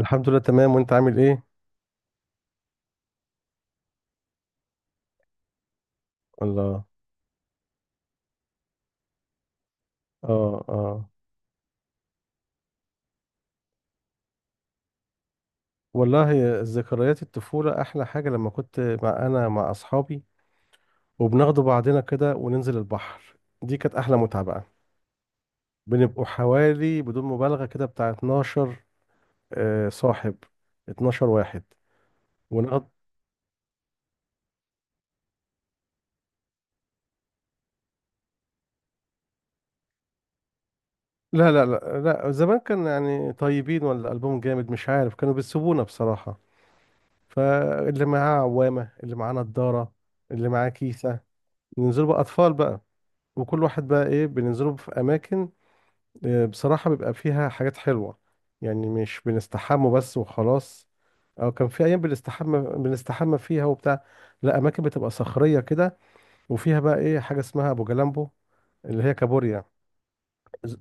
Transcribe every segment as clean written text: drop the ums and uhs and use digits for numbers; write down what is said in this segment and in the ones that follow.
الحمد لله تمام. وانت عامل ايه؟ الله. اه اه. والله، ذكريات الطفولة احلى حاجة. لما كنت مع انا مع اصحابي وبناخدوا بعضنا كده وننزل البحر، دي كانت احلى متعة بقى. بنبقوا حوالي بدون مبالغة كده بتاع 12. آه، صاحب 12 واحد. ونقض. لا لا لا لا، زمان كان يعني طيبين ولا قلبهم جامد مش عارف، كانوا بيسيبونا بصراحة. فاللي معاه عوامة، اللي معاه نضارة، اللي معاه كيسة. ننزلوا بقى اطفال بقى، وكل واحد بقى ايه بننزله في اماكن. بصراحة بيبقى فيها حاجات حلوة. يعني مش بنستحمى بس وخلاص، او كان في ايام بنستحمى فيها وبتاع. لا، اماكن بتبقى صخرية كده، وفيها بقى ايه حاجة اسمها ابو جلامبو، اللي هي كابوريا. ز-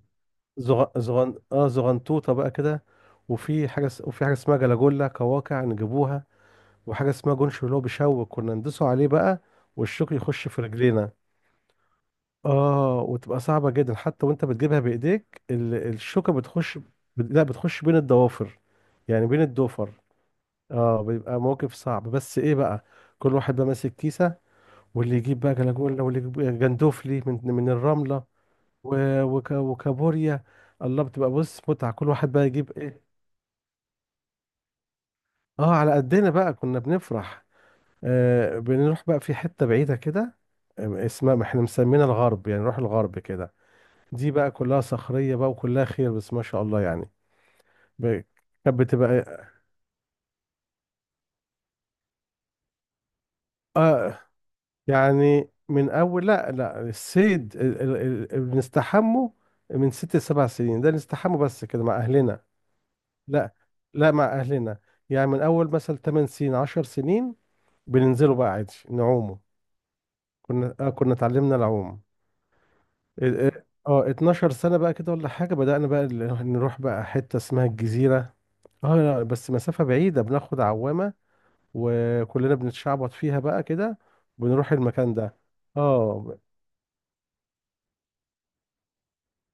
زغ... زغن... اه زغنطوطة بقى كده. وفي حاجة اسمها جلاجولا كواكع نجيبوها. وحاجة اسمها جونش، اللي هو بشوك، كنا ندوسه عليه بقى والشوك يخش في رجلينا. اه، وتبقى صعبة جدا حتى وانت بتجيبها بايديك، الشوكة بتخش. لا، بتخش بين الضوافر، يعني بين الضفر. اه، بيبقى موقف صعب، بس ايه بقى، كل واحد بقى ماسك كيسة. واللي يجيب بقى جلاجولا، واللي يجيب جندوفلي من الرملة، و- وك وكابوريا. الله، بتبقى بص متعة، كل واحد بقى يجيب ايه. اه، على قدنا بقى كنا بنفرح. آه، بنروح بقى في حتة بعيدة كده، اسمها ما احنا مسمينها الغرب، يعني نروح الغرب كده. دي بقى كلها صخرية بقى وكلها خير، بس ما شاء الله يعني. ب- كانت بتبقى آه، يعني من أول، لا لا، الصيد، بنستحمه من 6 ل7 سنين ده، نستحمه بس كده مع أهلنا. لا، لا مع أهلنا. يعني من أول مثلا 8 سنين 10 سنين بننزله بقى عادي نعومه. كنا آه كنا اتعلمنا العوم. 12 سنة بقى كده ولا حاجة، بدأنا بقى نروح بقى حتة اسمها الجزيرة. اه، لا بس مسافة بعيدة، بناخد عوامة وكلنا بنتشعبط فيها بقى كده، بنروح المكان ده. اه،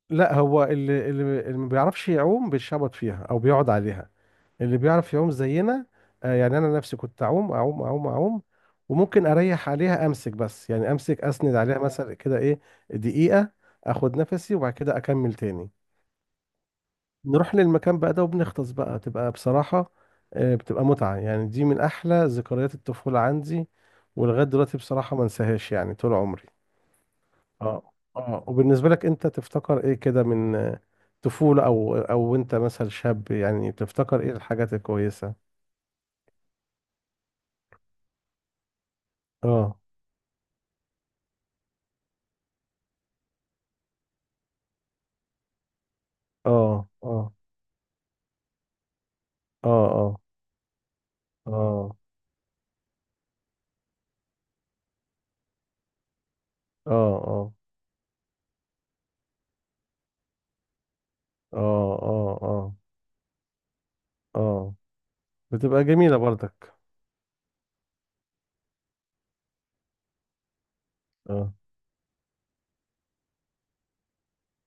لا هو اللي ما بيعرفش يعوم بيتشعبط فيها او بيقعد عليها. اللي بيعرف يعوم زينا. يعني انا نفسي كنت اعوم اعوم اعوم اعوم، وممكن اريح عليها امسك، بس يعني امسك اسند عليها مثلا كده ايه، دقيقة، اخد نفسي وبعد كده اكمل تاني. نروح للمكان بقى ده وبنغطس بقى، تبقى بصراحة بتبقى متعة. يعني دي من أحلى ذكريات الطفولة عندي، ولغاية دلوقتي بصراحة ما انساهاش يعني طول عمري. اه اه. وبالنسبة لك أنت تفتكر إيه كده من طفولة أو أنت مثلا شاب، يعني تفتكر إيه الحاجات الكويسة. اه اه اه اه اه اه اه اه اه اه اه اه. بتبقى جميلة برضك. اه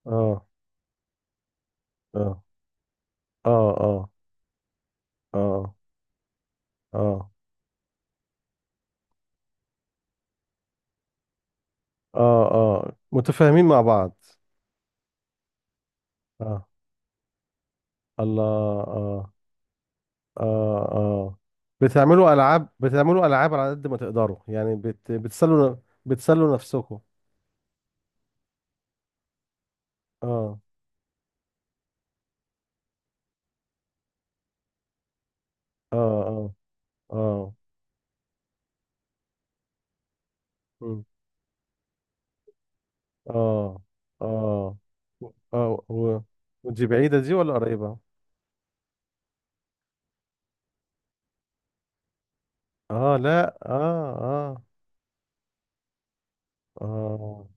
اه اه اه اه اه اه اه اه. متفاهمين مع بعض. اه. الله. اه اه اه. بتعملوا العاب، بتعملوا العاب على قد ما تقدروا، يعني بتسلوا، بتسلوا نفسكم. اه اه اه اه. مم. اه اه اه ودي بعيدة دي ولا قريبة؟ اه لا اه اه. اه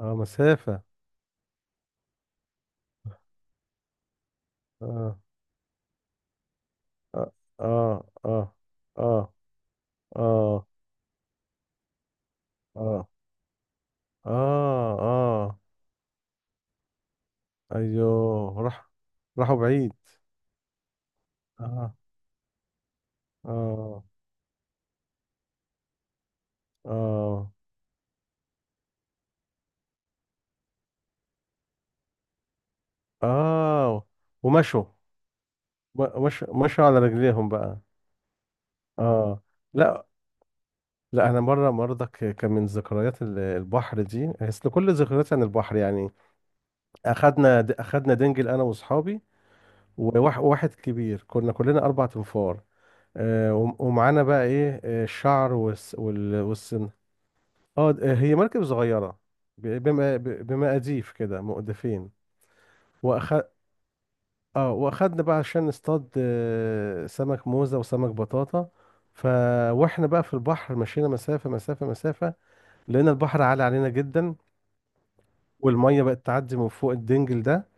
اه مسافة. اه اه اه اه اه اه اه اه اه. ايوه راح، راحوا بعيد. اه اه اه اه. ومشوا. مش مشوا على رجليهم بقى. اه. لا لا، انا مره مرضك كان من ذكريات البحر دي، اصل كل ذكرياتي عن البحر يعني. اخدنا دنجل انا واصحابي، وواحد كبير، كنا كلنا 4 تنفار. آه، ومعانا بقى ايه، آه، الشعر والسن. هي مركب صغيره، بمقاديف كده مؤدفين. اه، واخدنا بقى عشان نصطاد آه، سمك موزة وسمك بطاطا. ف واحنا بقى في البحر، مشينا مسافة مسافة مسافة، لقينا البحر عالي علينا جدا، والمية بقت تعدي من فوق الدنجل ده.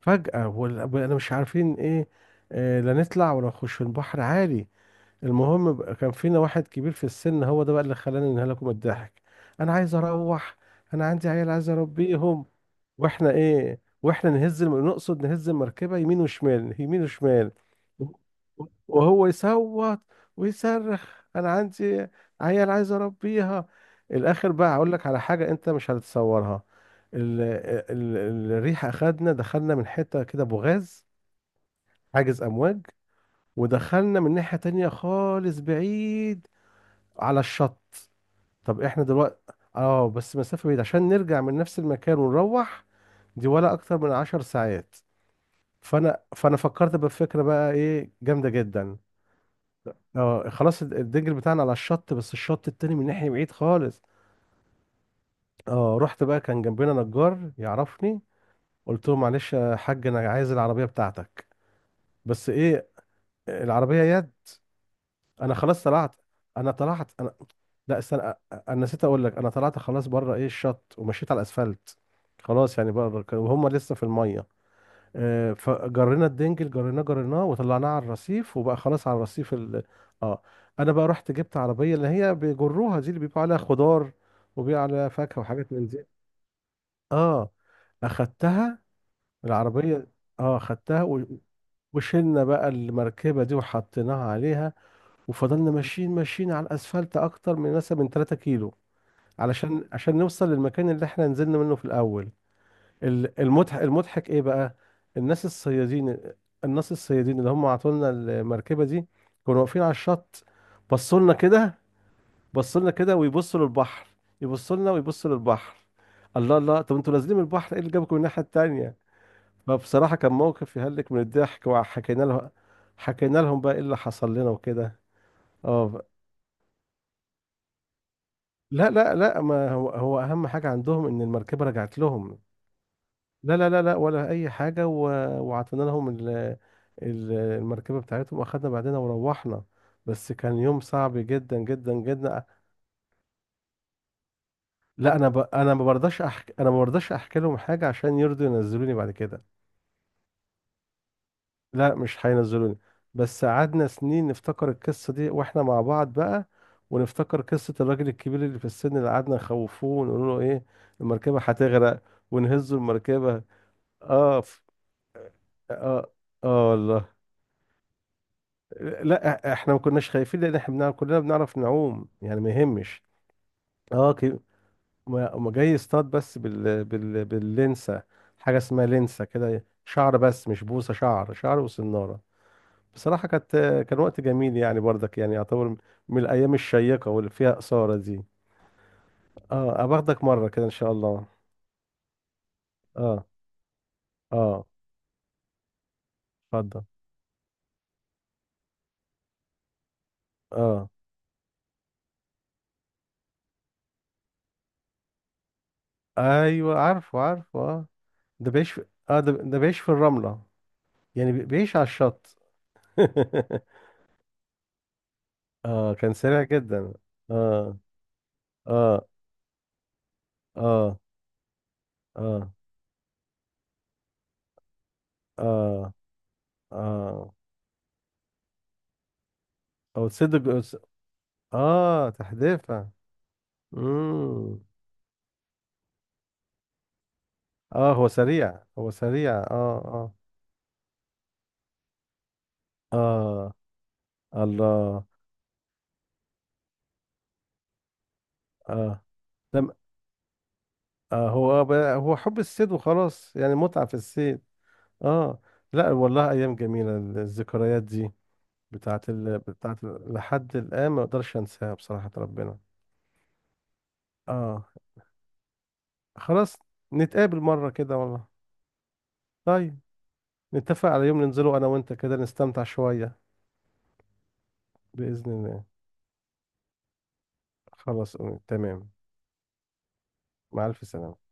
فجأة، وانا مش عارفين ايه، آه، لا نطلع ولا نخش، في البحر عالي. المهم بقى، كان فينا واحد كبير في السن، هو ده بقى اللي خلاني انهلكوا من الضحك. انا عايز اروح، انا عندي عيال عايز اربيهم. واحنا ايه، نقصد نهز المركبه يمين وشمال يمين وشمال، وهو يصوت ويصرخ: انا عندي عيال عايز اربيها. الاخر بقى هقول لك على حاجه انت مش هتتصورها. الريح اخدنا، دخلنا من حته كده بوغاز، حاجز امواج، ودخلنا من ناحيه تانية خالص بعيد، على الشط. طب احنا دلوقتي، اه بس مسافة بعيدة عشان نرجع من نفس المكان ونروح، دي ولا اكتر من 10 ساعات. فانا فكرت بفكرة بقى ايه جامدة جدا. اه، خلاص، الدنجل بتاعنا على الشط، بس الشط التاني من ناحية بعيد خالص. اه، رحت بقى، كان جنبنا نجار يعرفني. قلت له: معلش يا حاج، انا عايز العربية بتاعتك. بس ايه؟ العربية يد. انا خلاص طلعت. لا استنى، انا نسيت اقول لك، انا طلعت خلاص بره ايه الشط، ومشيت على الاسفلت. خلاص، يعني بره وهم لسه في الميه. آه، فجرينا الدنجل، جريناه جريناه وطلعناه على الرصيف، وبقى خلاص على الرصيف اه. انا بقى رحت جبت عربيه، اللي هي بيجروها دي، اللي بيبقى عليها خضار وبيبقى عليها فاكهه وحاجات من دي. اه، اخدتها العربيه. اه، وشلنا بقى المركبه دي وحطيناها عليها، وفضلنا ماشيين ماشيين على الاسفلت اكتر من مثلا 3 كيلو، علشان نوصل للمكان اللي احنا نزلنا منه في الاول. المضحك، المضحك ايه بقى، الناس الصيادين، الناس الصيادين اللي هم عطولنا المركبه دي، كانوا واقفين على الشط. بصوا لنا كده، بصوا لنا كده ويبصوا للبحر، يبصوا لنا ويبصوا للبحر. الله الله، طب انتوا نازلين من البحر، ايه اللي جابكم الناحيه التانيه؟ فبصراحه كان موقف يهلك من الضحك، وحكينا لهم، حكينا لهم بقى ايه اللي حصل لنا وكده. اه، لا لا لا، ما هو هو اهم حاجه عندهم ان المركبه رجعت لهم. لا لا لا لا، ولا اي حاجه وعطينا لهم المركبه بتاعتهم، واخدنا بعدنا وروحنا. بس كان يوم صعب جدا جدا جدا. لا، انا ما برضاش احكي، انا ما برضاش احكي لهم حاجه عشان يرضوا ينزلوني بعد كده. لا مش هينزلوني. بس قعدنا سنين نفتكر القصه دي واحنا مع بعض بقى، ونفتكر قصه الراجل الكبير اللي في السن اللي قعدنا نخوفوه ونقول له ايه، المركبه هتغرق، ونهزوا المركبه. اه اه اه والله. لا احنا ما كناش خايفين، لان احنا بنعرف، كلنا بنعرف نعوم، يعني ما يهمش. اه ما جاي يصطاد بس باللنسة. حاجة اسمها لنسة كده، شعر بس مش بوصة، شعر، شعر وصنارة. بصراحة كانت، كان وقت جميل يعني برضك يعني يعتبر من الأيام الشيقة واللي فيها إثارة دي. اه، أباخدك مرة كده إن شاء الله. اه اه. اتفضل. اه. ايوه عارفه عارفه اه. ده بيعيش في... اه ده, ده بيعيش في الرملة. بيعيش على الشط. اه، كان سريع جدا. اه اه اه اه اه اه. او صدق. اه تحديفة. امم. اه، هو سريع اه. اه اه. الله. اه. لم. آه، هو آه هو حب الصيد وخلاص، يعني متعة في الصيد. اه. لا والله، ايام جميلة الذكريات دي، بتاعت لحد الان ما اقدرش انساها بصراحة ربنا. اه خلاص، نتقابل مرة كده والله. طيب، نتفق على يوم ننزله أنا وأنت كده نستمتع شوية. بإذن الله. خلاص تمام. مع ألف سلامة.